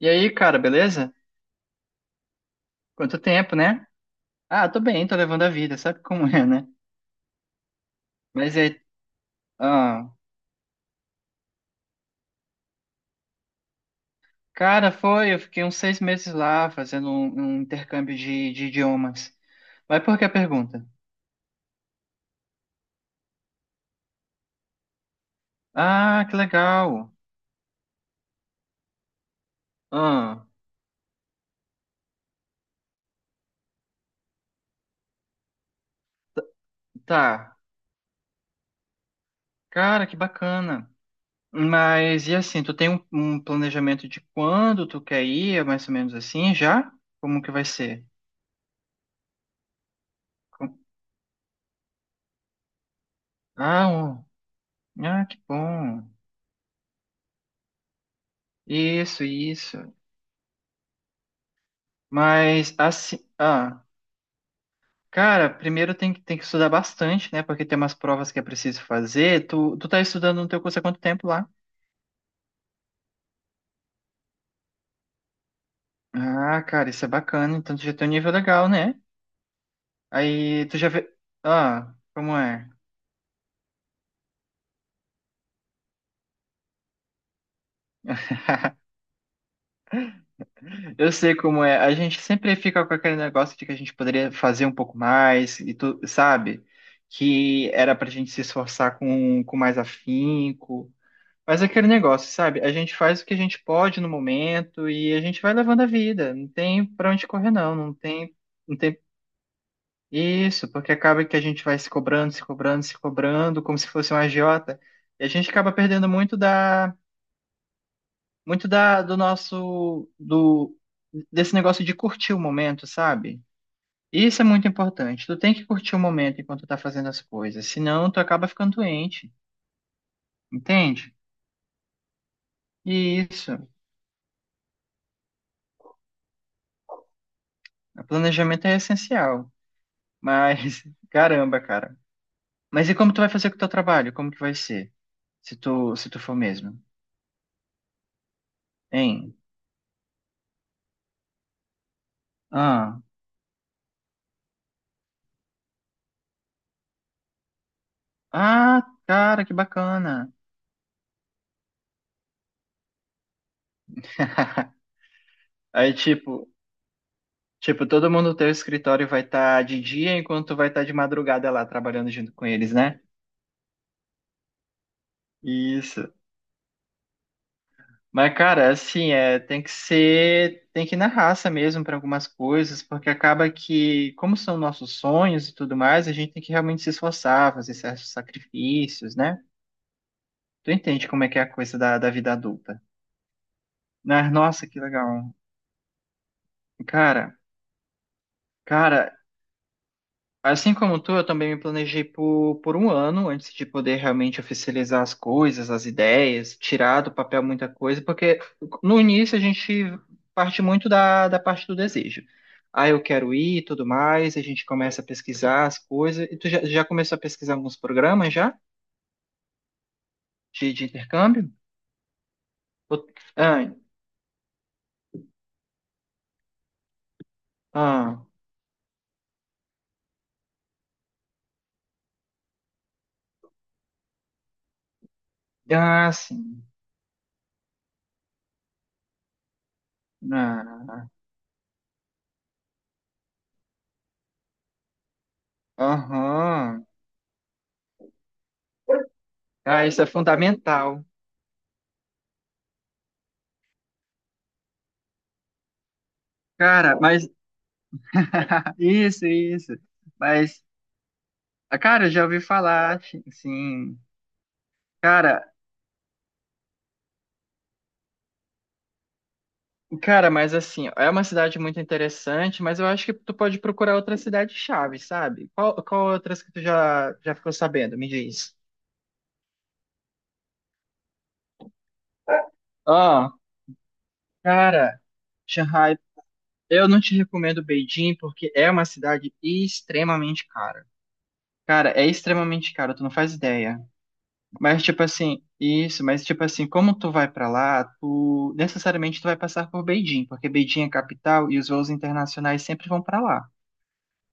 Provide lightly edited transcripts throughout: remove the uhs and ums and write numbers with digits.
E aí, cara, beleza? Quanto tempo, né? Tô bem, tô levando a vida, sabe como é, né? Mas é. Ah, foi, eu fiquei uns seis meses lá fazendo um intercâmbio de idiomas. Mas por que a pergunta? Ah, que legal. Ah, tá. Cara, que bacana. Mas e assim, tu tem um planejamento de quando tu quer ir, é mais ou menos assim, já? Como que vai ser? Com- Ah, um- ah, que bom. Isso, isso. Mas assim, cara, primeiro tem que estudar bastante, né? Porque tem umas provas que é preciso fazer. Tu tá estudando no teu curso há quanto tempo lá? Ah, cara, isso é bacana. Então tu já tem um nível legal, né? Aí tu já vê. Ah, como é? Eu sei como é. A gente sempre fica com aquele negócio de que a gente poderia fazer um pouco mais, e tu sabe? Que era pra gente se esforçar com mais afinco. Mas é aquele negócio, sabe? A gente faz o que a gente pode no momento e a gente vai levando a vida. Não tem pra onde correr, não. Não tem isso, porque acaba que a gente vai se cobrando, se cobrando, se cobrando, como se fosse um agiota. E a gente acaba perdendo muito do nosso, desse negócio de curtir o momento, sabe? Isso é muito importante. Tu tem que curtir o momento enquanto tu tá fazendo as coisas, senão tu acaba ficando doente, entende? E isso, o planejamento é essencial. Mas, caramba, cara. Mas e como tu vai fazer com o teu trabalho? Como que vai ser? Se tu for mesmo, hein? Ah, ah, cara, que bacana. Aí, tipo, todo mundo no teu escritório vai estar de dia enquanto tu vai estar de madrugada lá trabalhando junto com eles, né? Isso. Mas, cara, assim, é, tem que ir na raça mesmo para algumas coisas, porque acaba que, como são nossos sonhos e tudo mais, a gente tem que realmente se esforçar, fazer certos sacrifícios, né? Tu entende como é que é a coisa da vida adulta. Né? Nossa, que legal. Cara, cara, assim como tu, eu também me planejei por um ano antes de poder realmente oficializar as coisas, as ideias, tirar do papel muita coisa, porque no início a gente parte muito da parte do desejo. Ah, eu quero ir e tudo mais, a gente começa a pesquisar as coisas. E tu já começou a pesquisar alguns programas já? De intercâmbio? Ou- Ah, ah, sim. Ah. Aham. Ah, isso é fundamental. Cara, mas. Isso, isso. Mas, ah, cara, eu já ouvi falar, sim. Cara, cara, mas assim, é uma cidade muito interessante, mas eu acho que tu pode procurar outra cidade chave, sabe? Qual outras que tu já ficou sabendo? Me diz. Ah, cara, Shanghai, eu não te recomendo Beijing porque é uma cidade extremamente cara. Cara, é extremamente caro, tu não faz ideia. Mas tipo assim, como tu vai pra lá, tu vai passar por Beijing, porque Beijing é capital e os voos internacionais sempre vão pra lá.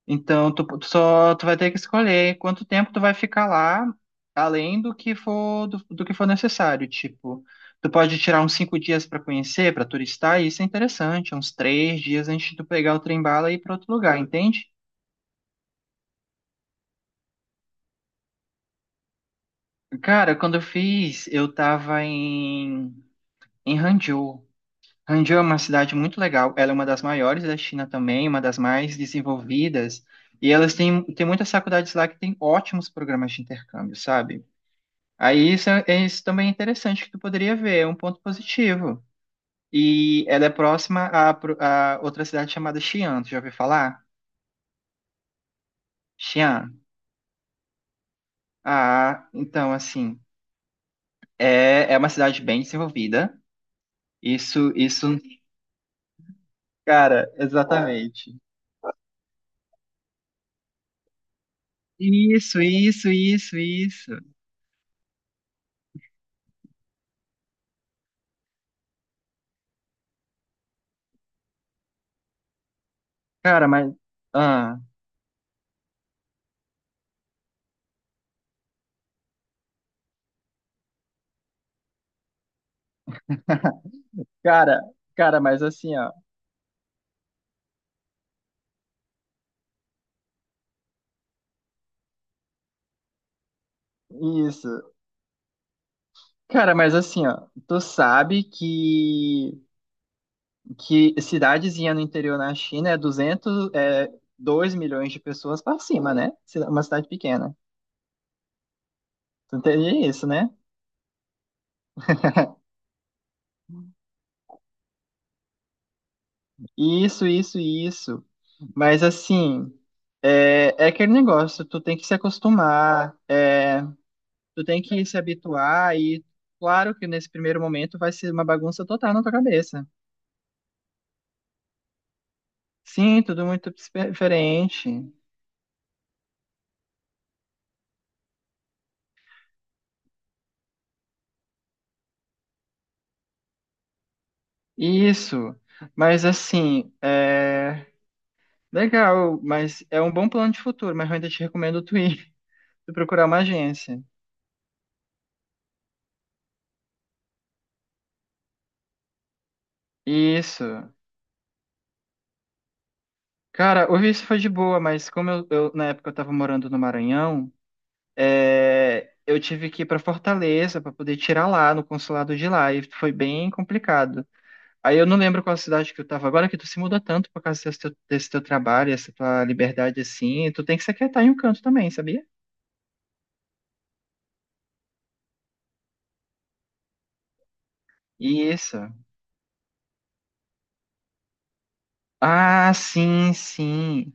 Então tu vai ter que escolher quanto tempo tu vai ficar lá, além do que for do que for necessário. Tipo, tu pode tirar uns cinco dias pra conhecer, pra turistar, e isso é interessante, uns três dias antes de tu pegar o trem-bala e ir pra outro lugar, entende? Cara, quando eu fiz, eu tava em Hangzhou. Hangzhou é uma cidade muito legal. Ela é uma das maiores da China também, uma das mais desenvolvidas. E elas têm muitas faculdades lá que têm ótimos programas de intercâmbio, sabe? Aí isso, é, é isso também é interessante que tu poderia ver, é um ponto positivo. E ela é próxima a, a outra cidade chamada Xi'an. Tu já ouviu falar? Xi'an. Ah, então, assim, é uma cidade bem desenvolvida. Isso, cara, exatamente. Isso, isso, isso, isso. Cara, mas. Ah. Cara, cara, mas assim, ó, isso. Cara, mas assim, ó, tu sabe que cidadezinha no interior na China é 200, é 2 milhões de pessoas pra cima, né? Uma cidade pequena. Tu entende isso, né? Isso, isso, isso. Mas assim, é, é aquele negócio, tu tem que se acostumar, é, tu tem que se habituar e claro que nesse primeiro momento vai ser uma bagunça total na tua cabeça. Sim, tudo muito diferente. Isso, mas assim, é legal, mas é um bom plano de futuro, mas eu ainda te recomendo tu ir, tu procurar uma agência. Isso. Cara, o visto foi de boa, mas como na época eu tava morando no Maranhão, é, eu tive que ir pra Fortaleza pra poder tirar lá no consulado de lá, e foi bem complicado. Aí eu não lembro qual cidade que eu tava agora, que tu se muda tanto por causa desse teu trabalho, essa tua liberdade assim, tu tem que se aquietar em um canto também, sabia? Isso. Ah, sim, sim.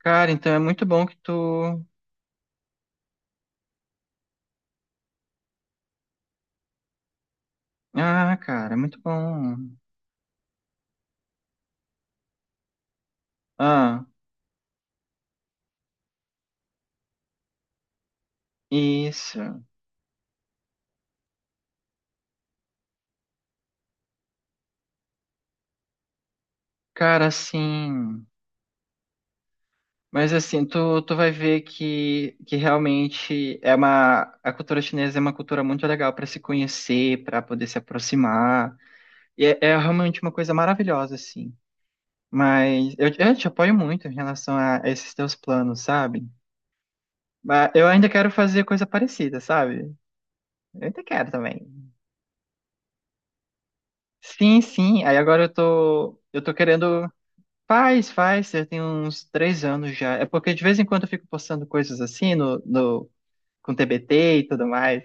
Cara, então é muito bom que tu. Ah, cara, é muito bom. Ah, isso. Cara, sim. Mas assim, tu vai ver que realmente é uma. A cultura chinesa é uma cultura muito legal para se conhecer, para poder se aproximar. E é, é realmente uma coisa maravilhosa, assim. Mas eu te apoio muito em relação a esses teus planos, sabe? Mas eu ainda quero fazer coisa parecida, sabe? Eu ainda quero também. Sim, sim. Aí agora eu tô querendo. Faz, faz. Já tem uns três anos já. É porque de vez em quando eu fico postando coisas assim no, no, com TBT e tudo mais.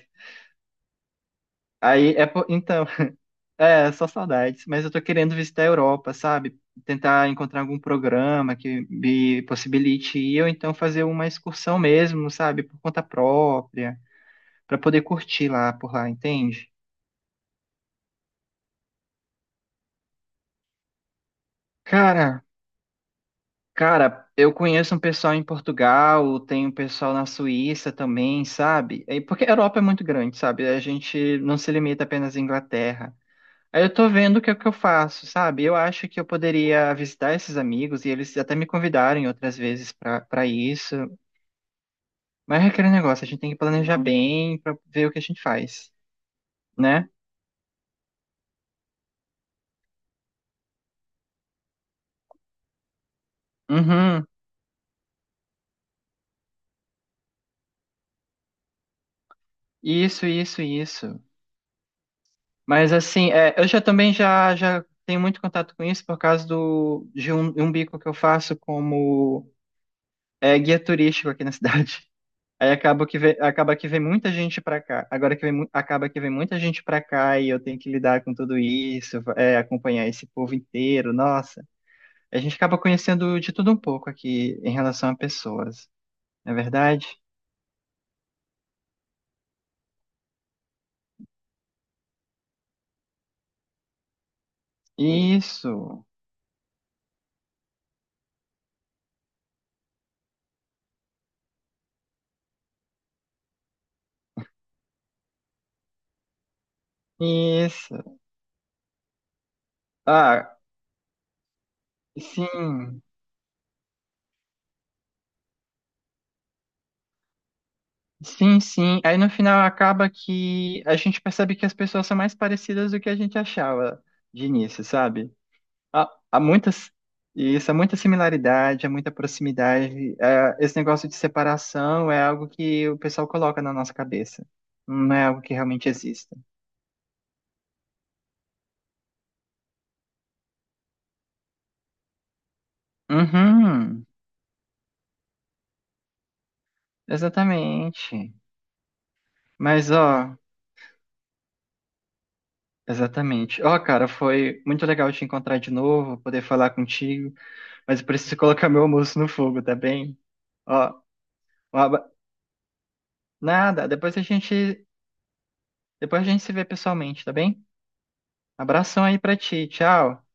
Aí é, então, é só saudades. Mas eu tô querendo visitar a Europa, sabe? Tentar encontrar algum programa que me possibilite ir, ou então fazer uma excursão mesmo, sabe? Por conta própria, pra poder curtir lá por lá, entende? Cara, Cara, eu conheço um pessoal em Portugal, tem um pessoal na Suíça também, sabe? É, porque a Europa é muito grande, sabe? A gente não se limita apenas à Inglaterra. Aí eu tô vendo o que é que eu faço, sabe? Eu acho que eu poderia visitar esses amigos e eles até me convidarem outras vezes pra para isso. Mas é aquele negócio, a gente tem que planejar bem pra ver o que a gente faz, né? Uhum. Isso, isso, isso. Mas assim, é, eu já também já, já tenho muito contato com isso por causa do, de um bico que eu faço como é, guia turístico aqui na cidade. Aí acaba que vem muita gente para cá. Agora que acaba que vem muita gente para cá e eu tenho que lidar com tudo isso, é, acompanhar esse povo inteiro. Nossa, a gente acaba conhecendo de tudo um pouco aqui em relação a pessoas, não é verdade? Isso, isso. Ah, sim. Sim, sim. Aí no final acaba que a gente percebe que as pessoas são mais parecidas do que a gente achava de início, sabe? Há, há muitas, isso, há muita similaridade, há muita proximidade. É, esse negócio de separação é algo que o pessoal coloca na nossa cabeça. Não é algo que realmente exista. Uhum, exatamente. Mas, ó, exatamente. Ó, cara, foi muito legal te encontrar de novo, poder falar contigo, mas eu preciso colocar meu almoço no fogo, tá bem? Ó, Um abra- nada, depois a gente se vê pessoalmente, tá bem? Abração aí pra ti, tchau.